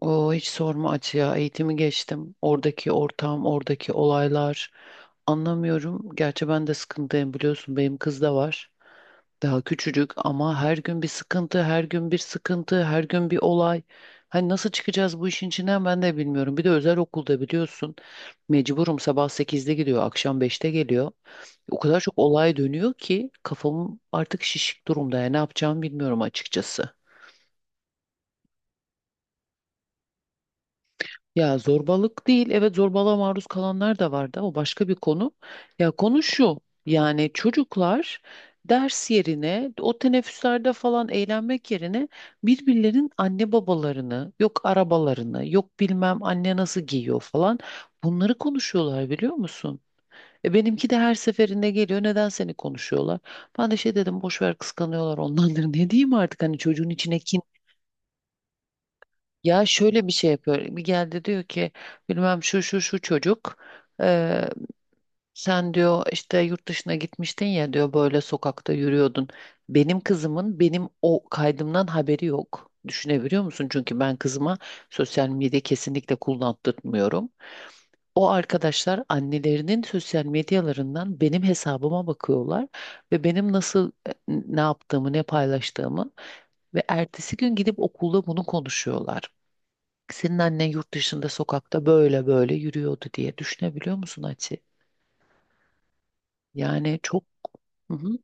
O hiç sorma Ati ya. Eğitimi geçtim. Oradaki ortam, oradaki olaylar. Anlamıyorum. Gerçi ben de sıkıntıyım biliyorsun. Benim kız da var. Daha küçücük ama her gün bir sıkıntı, her gün bir sıkıntı, her gün bir olay. Hani nasıl çıkacağız bu işin içinden ben de bilmiyorum. Bir de özel okulda biliyorsun. Mecburum sabah 8'de gidiyor, akşam 5'te geliyor. O kadar çok olay dönüyor ki kafam artık şişik durumda. Yani ne yapacağımı bilmiyorum açıkçası. Ya zorbalık değil, evet zorbalığa maruz kalanlar da vardı. O başka bir konu. Ya konu şu, yani çocuklar ders yerine, o teneffüslerde falan eğlenmek yerine birbirlerinin anne babalarını, yok arabalarını, yok bilmem anne nasıl giyiyor falan bunları konuşuyorlar biliyor musun? E benimki de her seferinde geliyor. Neden seni konuşuyorlar? Ben de şey dedim boş ver kıskanıyorlar onlardır. Ne diyeyim artık hani çocuğun içine kin ya şöyle bir şey yapıyor. Bir geldi diyor ki bilmem şu şu şu çocuk eee, sen diyor işte yurt dışına gitmiştin ya diyor böyle sokakta yürüyordun. Benim kızımın benim o kaydımdan haberi yok. Düşünebiliyor musun? Çünkü ben kızıma sosyal medya kesinlikle kullandırmıyorum. O arkadaşlar annelerinin sosyal medyalarından benim hesabıma bakıyorlar ve benim nasıl ne yaptığımı, ne paylaştığımı ve ertesi gün gidip okulda bunu konuşuyorlar. Senin annen yurt dışında sokakta böyle böyle yürüyordu diye düşünebiliyor musun Ati? Yani çok. Hı hı.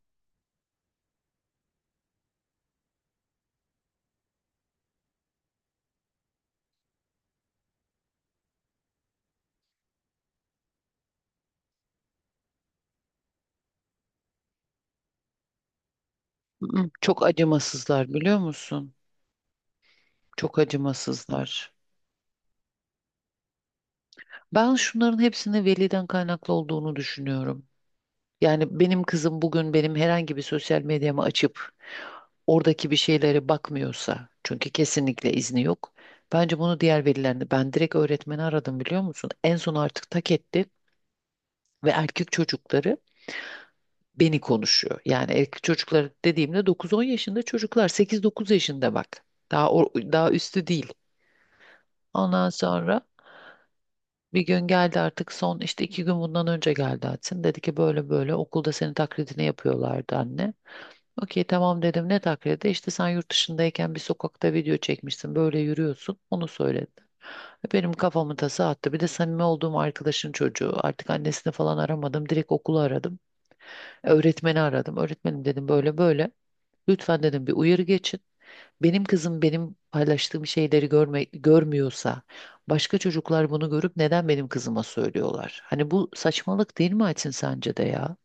Hı hı. Çok acımasızlar biliyor musun? Çok acımasızlar. Ben şunların hepsinin veliden kaynaklı olduğunu düşünüyorum. Yani benim kızım bugün benim herhangi bir sosyal medyamı açıp oradaki bir şeylere bakmıyorsa, çünkü kesinlikle izni yok. Bence bunu diğer velilerinde ben direkt öğretmeni aradım biliyor musun? En son artık tak etti ve erkek çocukları beni konuşuyor. Yani erkek çocuklar dediğimde 9-10 yaşında çocuklar 8-9 yaşında bak. Daha daha üstü değil. Ondan sonra bir gün geldi artık son işte 2 gün bundan önce geldi Atsin. Dedi ki böyle böyle okulda senin taklidini yapıyorlardı anne. Okey tamam dedim ne taklidi? İşte sen yurt dışındayken bir sokakta video çekmişsin böyle yürüyorsun onu söyledi. Benim kafamı tasa attı. Bir de samimi olduğum arkadaşın çocuğu. Artık annesini falan aramadım. Direkt okulu aradım. Öğretmeni aradım. Öğretmenim dedim böyle böyle. Lütfen dedim bir uyarı geçin. Benim kızım benim paylaştığım şeyleri görme, görmüyorsa başka çocuklar bunu görüp neden benim kızıma söylüyorlar? Hani bu saçmalık değil mi Aytin sence de ya?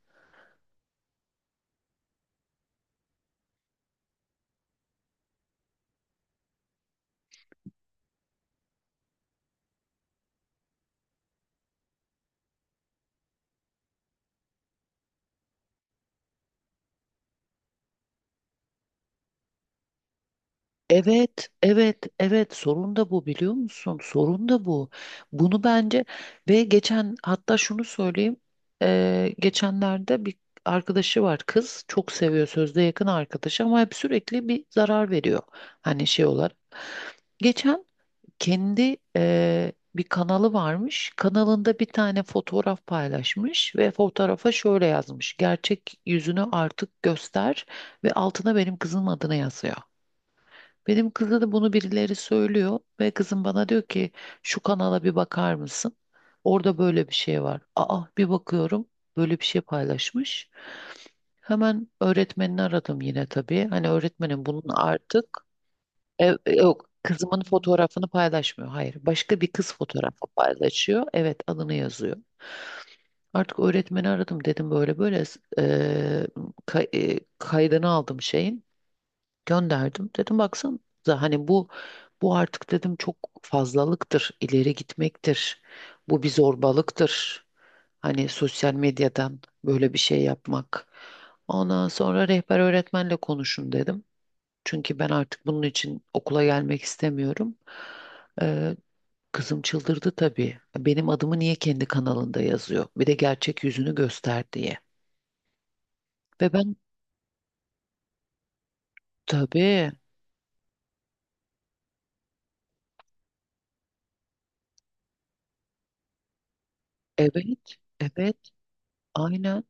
Evet, evet, evet. Sorun da bu biliyor musun? Sorun da bu. Bunu bence ve geçen hatta şunu söyleyeyim. Geçenlerde bir arkadaşı var kız çok seviyor sözde yakın arkadaşı ama hep sürekli bir zarar veriyor. Hani şey olarak. Geçen kendi bir kanalı varmış. Kanalında bir tane fotoğraf paylaşmış ve fotoğrafa şöyle yazmış. Gerçek yüzünü artık göster ve altına benim kızım adını yazıyor. Benim kıza da bunu birileri söylüyor ve kızım bana diyor ki şu kanala bir bakar mısın? Orada böyle bir şey var. Aa bir bakıyorum böyle bir şey paylaşmış. Hemen öğretmenini aradım yine tabii. Hani öğretmenim bunun artık yok kızımın fotoğrafını paylaşmıyor. Hayır. Başka bir kız fotoğrafı paylaşıyor. Evet adını yazıyor. Artık öğretmeni aradım dedim böyle böyle e, kaydını aldım şeyin gönderdim. Dedim baksanıza hani bu artık dedim çok fazlalıktır, ileri gitmektir. Bu bir zorbalıktır. Hani sosyal medyadan böyle bir şey yapmak. Ondan sonra rehber öğretmenle konuşun dedim. Çünkü ben artık bunun için okula gelmek istemiyorum. Ee, Kızım çıldırdı tabii. Benim adımı niye kendi kanalında yazıyor? Bir de gerçek yüzünü göster diye. Ve ben tabii. Evet, evet, aynen.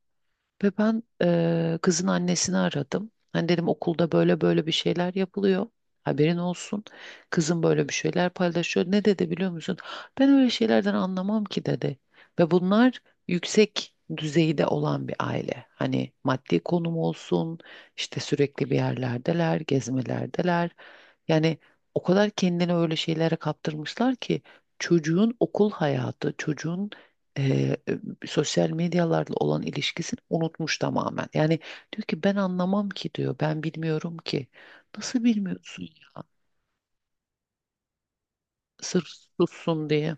Ve ben kızın annesini aradım. Hani dedim okulda böyle böyle bir şeyler yapılıyor. Haberin olsun. Kızım böyle bir şeyler paylaşıyor. Ne dedi biliyor musun? Ben öyle şeylerden anlamam ki dedi. Ve bunlar yüksek düzeyde olan bir aile. Hani maddi konum olsun, işte sürekli bir yerlerdeler, gezmelerdeler. Yani o kadar kendini öyle şeylere kaptırmışlar ki çocuğun okul hayatı, çocuğun sosyal medyalarla olan ilişkisini unutmuş tamamen. Yani diyor ki ben anlamam ki diyor. Ben bilmiyorum ki. Nasıl bilmiyorsun ya? Sırf sussun diye.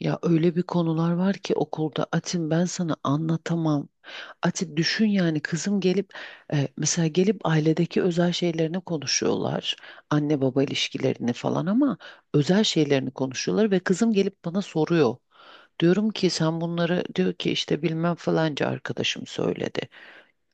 Ya öyle bir konular var ki okulda Atin ben sana anlatamam. Atin düşün yani kızım gelip mesela gelip ailedeki özel şeylerini konuşuyorlar. Anne baba ilişkilerini falan ama özel şeylerini konuşuyorlar ve kızım gelip bana soruyor. Diyorum ki sen bunları diyor ki işte bilmem falanca arkadaşım söyledi.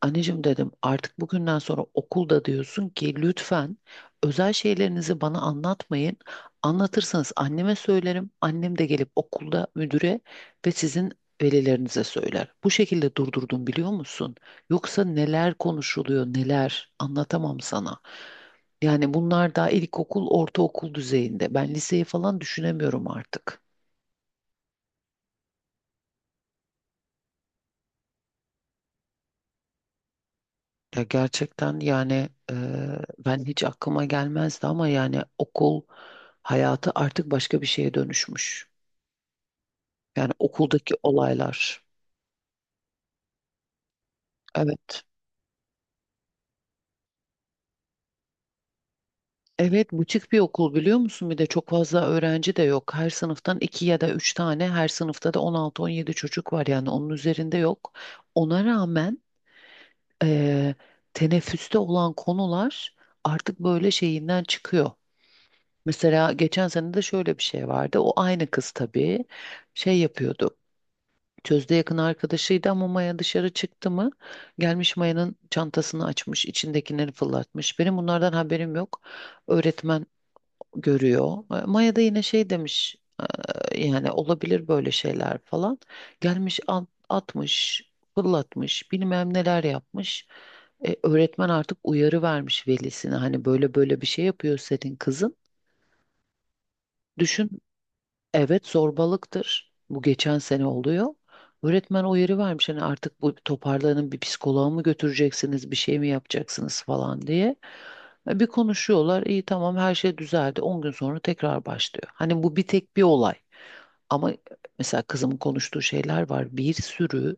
Anneciğim dedim artık bugünden sonra okulda diyorsun ki lütfen özel şeylerinizi bana anlatmayın. Anlatırsanız anneme söylerim. Annem de gelip okulda müdüre ve sizin velilerinize söyler. Bu şekilde durdurdum biliyor musun? Yoksa neler konuşuluyor neler anlatamam sana. Yani bunlar daha ilkokul, ortaokul düzeyinde. Ben liseyi falan düşünemiyorum artık. Ya gerçekten yani ben hiç aklıma gelmezdi ama yani okul hayatı artık başka bir şeye dönüşmüş. Yani okuldaki olaylar. Evet. Evet, buçuk bir okul biliyor musun? Bir de çok fazla öğrenci de yok. Her sınıftan iki ya da üç tane, her sınıfta da 16-17 çocuk var yani onun üzerinde yok. Ona rağmen e, teneffüste olan konular artık böyle şeyinden çıkıyor. Mesela geçen sene de şöyle bir şey vardı. O aynı kız tabii şey yapıyordu. Sözde yakın arkadaşıydı ama Maya dışarı çıktı mı gelmiş Maya'nın çantasını açmış, içindekileri fırlatmış. Benim bunlardan haberim yok. Öğretmen görüyor. Maya da yine şey demiş. Yani olabilir böyle şeyler falan. Gelmiş atmış, fırlatmış, bilmem neler yapmış." Öğretmen artık uyarı vermiş velisine. Hani böyle böyle bir şey yapıyor senin kızın. Düşün. Evet zorbalıktır. Bu geçen sene oluyor. Öğretmen o yeri vermiş hani artık bu toparlanın bir psikoloğa mı götüreceksiniz bir şey mi yapacaksınız falan diye. Bir konuşuyorlar iyi tamam her şey düzeldi. 10 gün sonra tekrar başlıyor. Hani bu bir tek bir olay ama mesela kızımın konuştuğu şeyler var bir sürü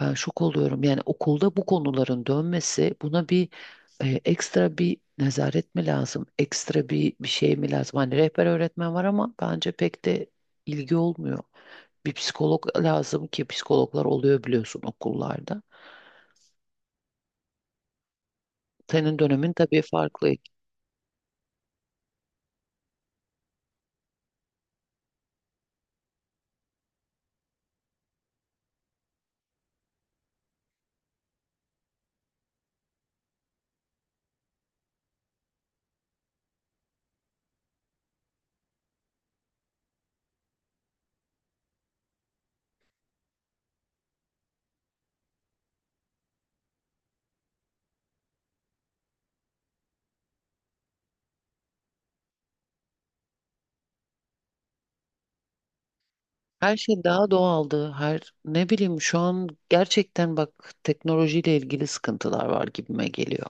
ben şok oluyorum. Yani okulda bu konuların dönmesi buna bir ekstra bir nezaret mi lazım? Ekstra bir şey mi lazım? Hani rehber öğretmen var ama bence pek de ilgi olmuyor. Bir psikolog lazım ki psikologlar oluyor biliyorsun okullarda. Senin dönemin tabii farklı. Her şey daha doğaldı. Her ne bileyim şu an gerçekten bak teknolojiyle ilgili sıkıntılar var gibime geliyor.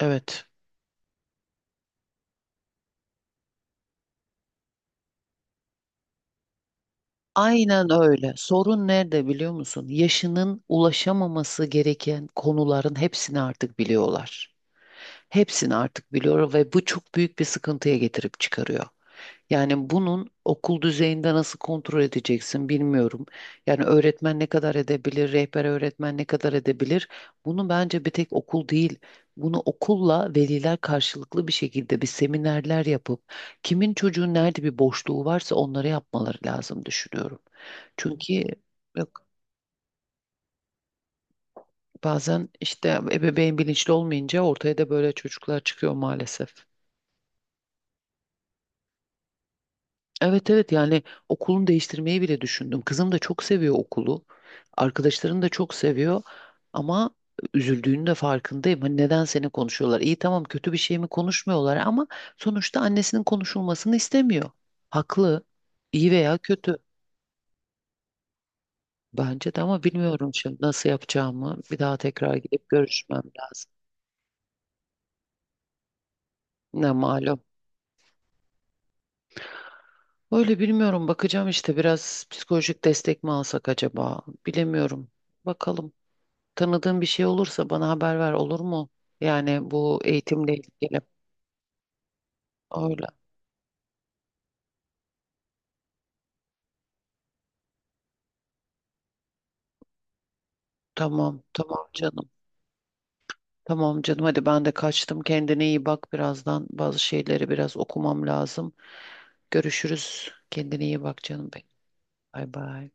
Evet. Aynen öyle. Sorun nerede biliyor musun? Yaşının ulaşamaması gereken konuların hepsini artık biliyorlar. Hepsini artık biliyor ve bu çok büyük bir sıkıntıya getirip çıkarıyor. Yani bunun okul düzeyinde nasıl kontrol edeceksin bilmiyorum. Yani öğretmen ne kadar edebilir, rehber öğretmen ne kadar edebilir? Bunu bence bir tek okul değil. Bunu okulla veliler karşılıklı bir şekilde bir seminerler yapıp kimin çocuğun nerede bir boşluğu varsa onları yapmaları lazım düşünüyorum. Çünkü yok bazen işte ebeveyn bilinçli olmayınca ortaya da böyle çocuklar çıkıyor maalesef. Evet, evet, yani okulunu değiştirmeyi bile düşündüm. Kızım da çok seviyor okulu. Arkadaşlarını da çok seviyor. Ama üzüldüğünün de farkındayım. Hani neden seni konuşuyorlar? İyi tamam kötü bir şey mi konuşmuyorlar ama sonuçta annesinin konuşulmasını istemiyor. Haklı. İyi veya kötü. Bence de ama bilmiyorum şimdi nasıl yapacağımı. Bir daha tekrar gidip görüşmem lazım. Ne malum. Öyle bilmiyorum bakacağım işte biraz psikolojik destek mi alsak acaba bilemiyorum. Bakalım tanıdığın bir şey olursa bana haber ver olur mu? Yani bu eğitimle ilgili. Öyle. Tamam, tamam canım. Tamam canım hadi ben de kaçtım kendine iyi bak birazdan bazı şeyleri biraz okumam lazım. Görüşürüz kendine iyi bak canım benim. Bay bay.